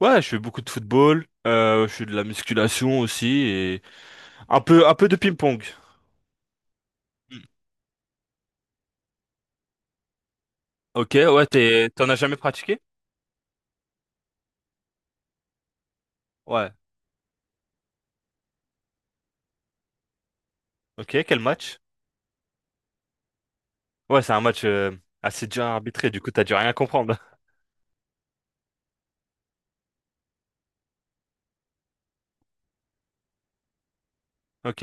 Ouais, je fais beaucoup de football, je fais de la musculation aussi et un peu de ping-pong. Mm. Ok, ouais, t'en as jamais pratiqué? Ouais. Ok, quel match? Ouais, c'est un match assez dur à arbitrer, du coup t'as dû rien comprendre. Ok.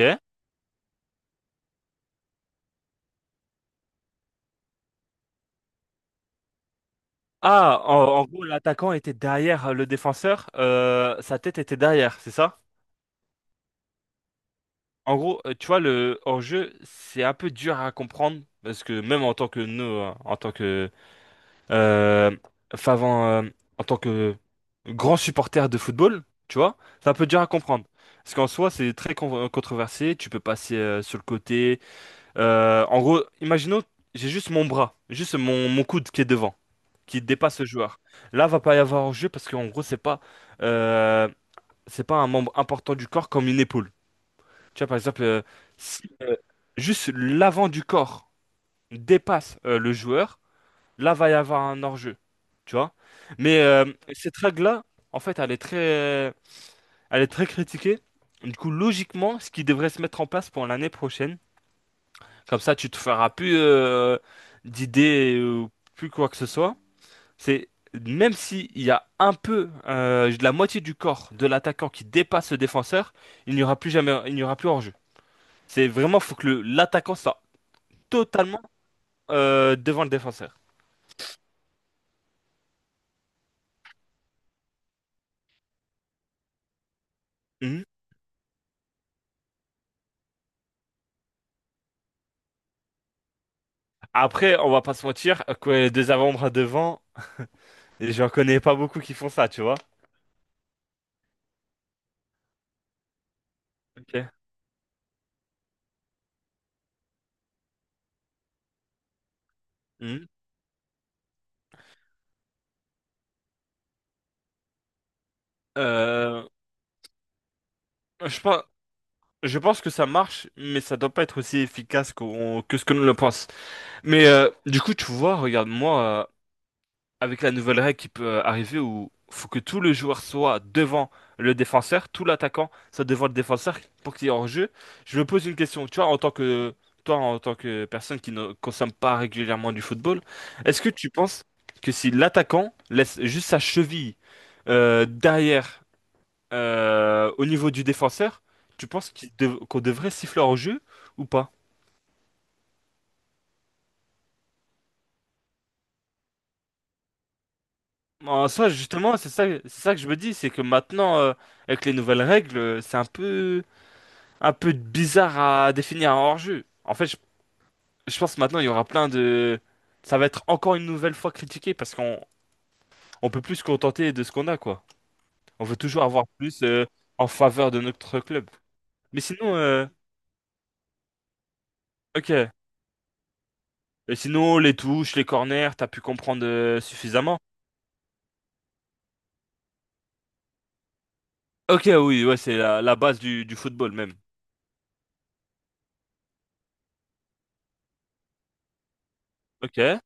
Ah, en, En gros, l'attaquant était derrière le défenseur, sa tête était derrière, c'est ça? En gros, tu vois, le hors-jeu, c'est un peu dur à comprendre, parce que même en tant que nous, hein, Euh, Favant, euh, en tant que grand supporter de football, tu vois, c'est un peu dur à comprendre. Parce qu'en soi, controversé, tu peux passer sur le côté. En gros, imaginons, j'ai juste mon bras, juste mon coude qui est devant, qui dépasse le joueur. Là, va pas y avoir jeu parce qu'en gros, euh, c'est pas un membre important du corps comme une épaule. Tu vois, par exemple, si juste l'avant du corps dépasse le joueur, là va y avoir un hors-jeu, tu vois. Mais cette règle-là, en fait, elle est très critiquée. Du coup, logiquement, ce qui devrait se mettre en place pour l'année prochaine, comme ça, tu te feras plus d'idées ou plus quoi que ce soit. C'est même s'il y a un peu de la moitié du corps de l'attaquant qui dépasse le défenseur, il n'y aura plus jamais, il n'y aura plus hors-jeu. C'est vraiment, faut que l'attaquant soit totalement devant le défenseur. Mhm. Après, on va pas se mentir, que deux avant-bras devant, j'en connais pas beaucoup qui font ça, tu vois. Ok. Mhm. Euh, je pense, je pense que ça marche, mais ça doit pas être aussi efficace que ce que nous le pense. Mais du coup, tu vois, regarde-moi avec la nouvelle règle qui peut arriver où faut que tout le joueur soit devant le défenseur, tout l'attaquant soit devant le défenseur pour qu'il y ait hors-jeu. Je me pose une question, tu vois, en tant que toi, en tant que personne qui ne consomme pas régulièrement du football, est-ce que tu penses que si l'attaquant laisse juste sa cheville derrière au niveau du défenseur, tu penses qu'on devrait siffler hors-jeu ou pas? En soi, justement, c'est ça que je me dis, c'est que maintenant, avec les nouvelles règles, c'est un peu bizarre à définir un hors-jeu. En fait, je pense que maintenant il y aura plein de... Ça va être encore une nouvelle fois critiqué parce qu'on on peut plus se contenter de ce qu'on a, quoi. On veut toujours avoir plus en faveur de notre club. Mais sinon, ok. Et sinon, les touches, les corners, t'as pu comprendre suffisamment. Ok, oui, ouais, c'est la base du football même. Ok.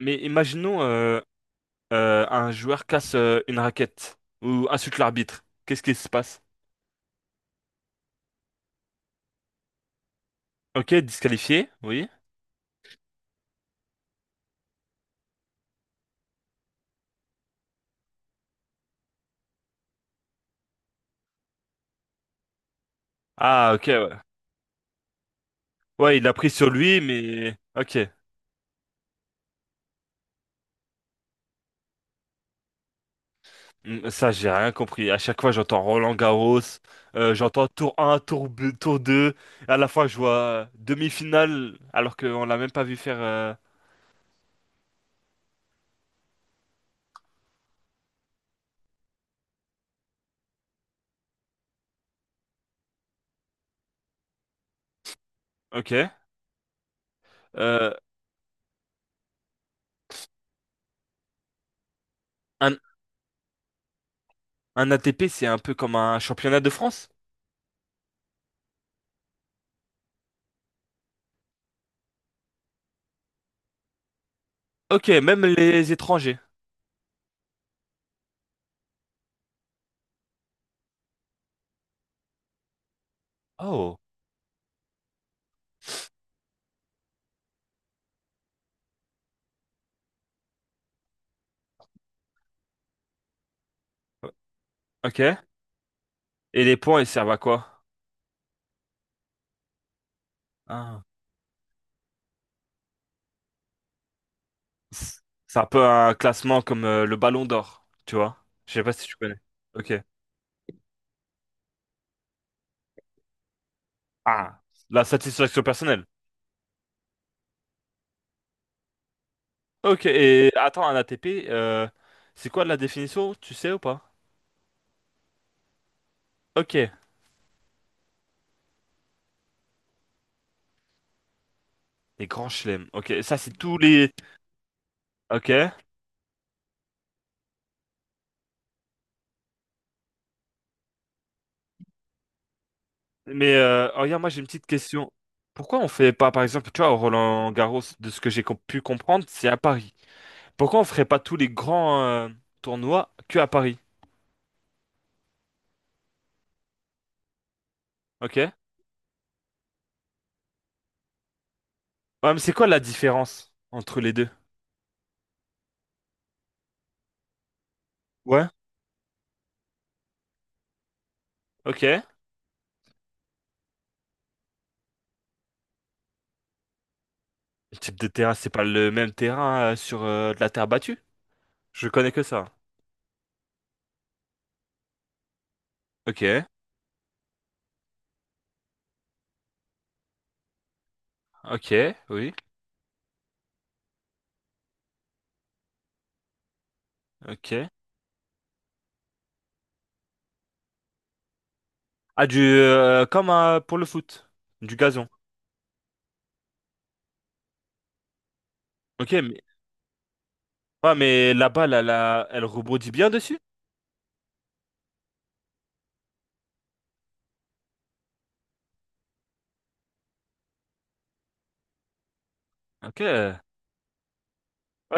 Mais imaginons un joueur casse une raquette ou insulte l'arbitre. Qu'est-ce qui se passe? Ok, disqualifié, oui. Ah, ok, ouais. Ouais, il l'a pris sur lui, mais... Ok. Hmm, ça, j'ai rien compris. À chaque fois, j'entends Roland Garros, j'entends tour un, tour 2. À la fois, je vois demi-finale, alors qu'on l'a même pas vu faire... ok. Euh, un, un ATP, c'est un peu comme un championnat de France? Ok, même les étrangers. Oh, ok. Et les points, ils servent à quoi? Ah. C'est c'est un peu un classement comme le Ballon d'Or, tu vois? Je sais pas si tu connais. Ok. Ah, la satisfaction personnelle. Ok, et attends, un ATP, c'est quoi la définition, tu sais ou pas? Ok, les grands chelems. Ok, ça c'est tous les... Ok, mais oh, regarde, moi j'ai une petite question. Pourquoi on fait pas, par exemple, tu vois, au Roland-Garros, de ce que pu comprendre, c'est à Paris. Pourquoi on ferait pas tous les grands tournois que à Paris? Ok? Ouais, mais c'est quoi la différence entre les deux? Ouais, ok. Le type de terrain, c'est pas le même terrain sur de la terre battue? Je connais que ça. Ok, ok, oui, ok. Ah, du, comme pour le foot, du gazon. Ok, mais, ouais, mais la balle, elle, elle rebondit bien dessus. Ok, ouais,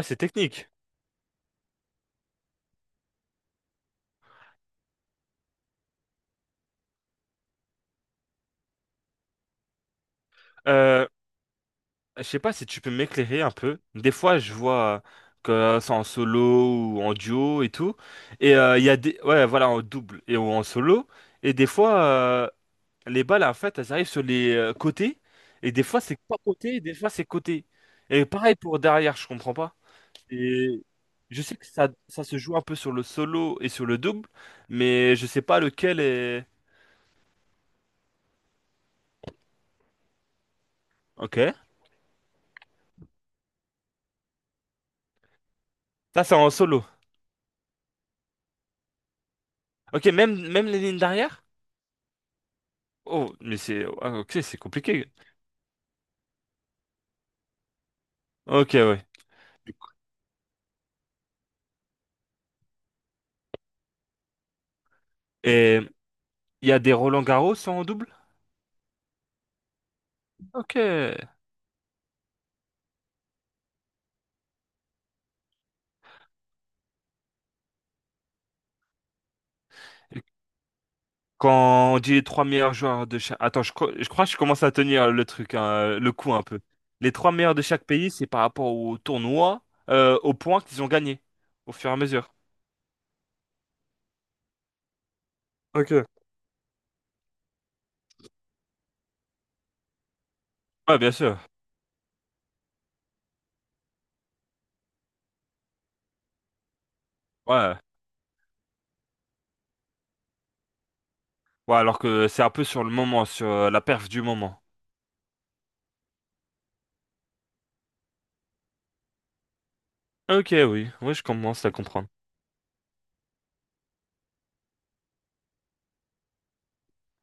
c'est technique. Euh, je sais pas si tu peux m'éclairer un peu. Des fois, je vois que c'est en solo ou en duo et tout. Et il y a des, ouais, voilà, en double et ou en solo. Et des fois, les balles, en fait, elles arrivent sur les côtés. Et des fois, c'est pas côté, et des fois, c'est côté. Et pareil pour derrière, je comprends pas. Et je sais que ça se joue un peu sur le solo et sur le double, mais je sais pas lequel est. Ok. Ça, c'est en solo. Ok, même les lignes d'arrière? Oh, mais c'est. Ah, ok, c'est compliqué. Ok, ouais. Et il y a des Roland-Garros en double? Ok. Quand on dit les trois meilleurs joueurs de chaque. Attends, je crois que je commence à tenir le truc, hein, le coup un peu. Les trois meilleurs de chaque pays, c'est par rapport au tournoi, aux points qu'ils ont gagnés au fur et à mesure. Ok. Ouais, bien sûr. Ouais. Ouais, alors que c'est un peu sur le moment, sur la perf du moment. Ok, oui, oui, je commence à comprendre.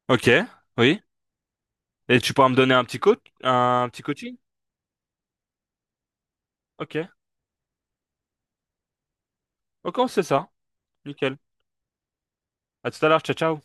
Ok, oui. Et tu pourras me donner un petit coach, un petit coaching? Ok. Ok, on sait ça. Nickel. À tout à l'heure, ciao, ciao.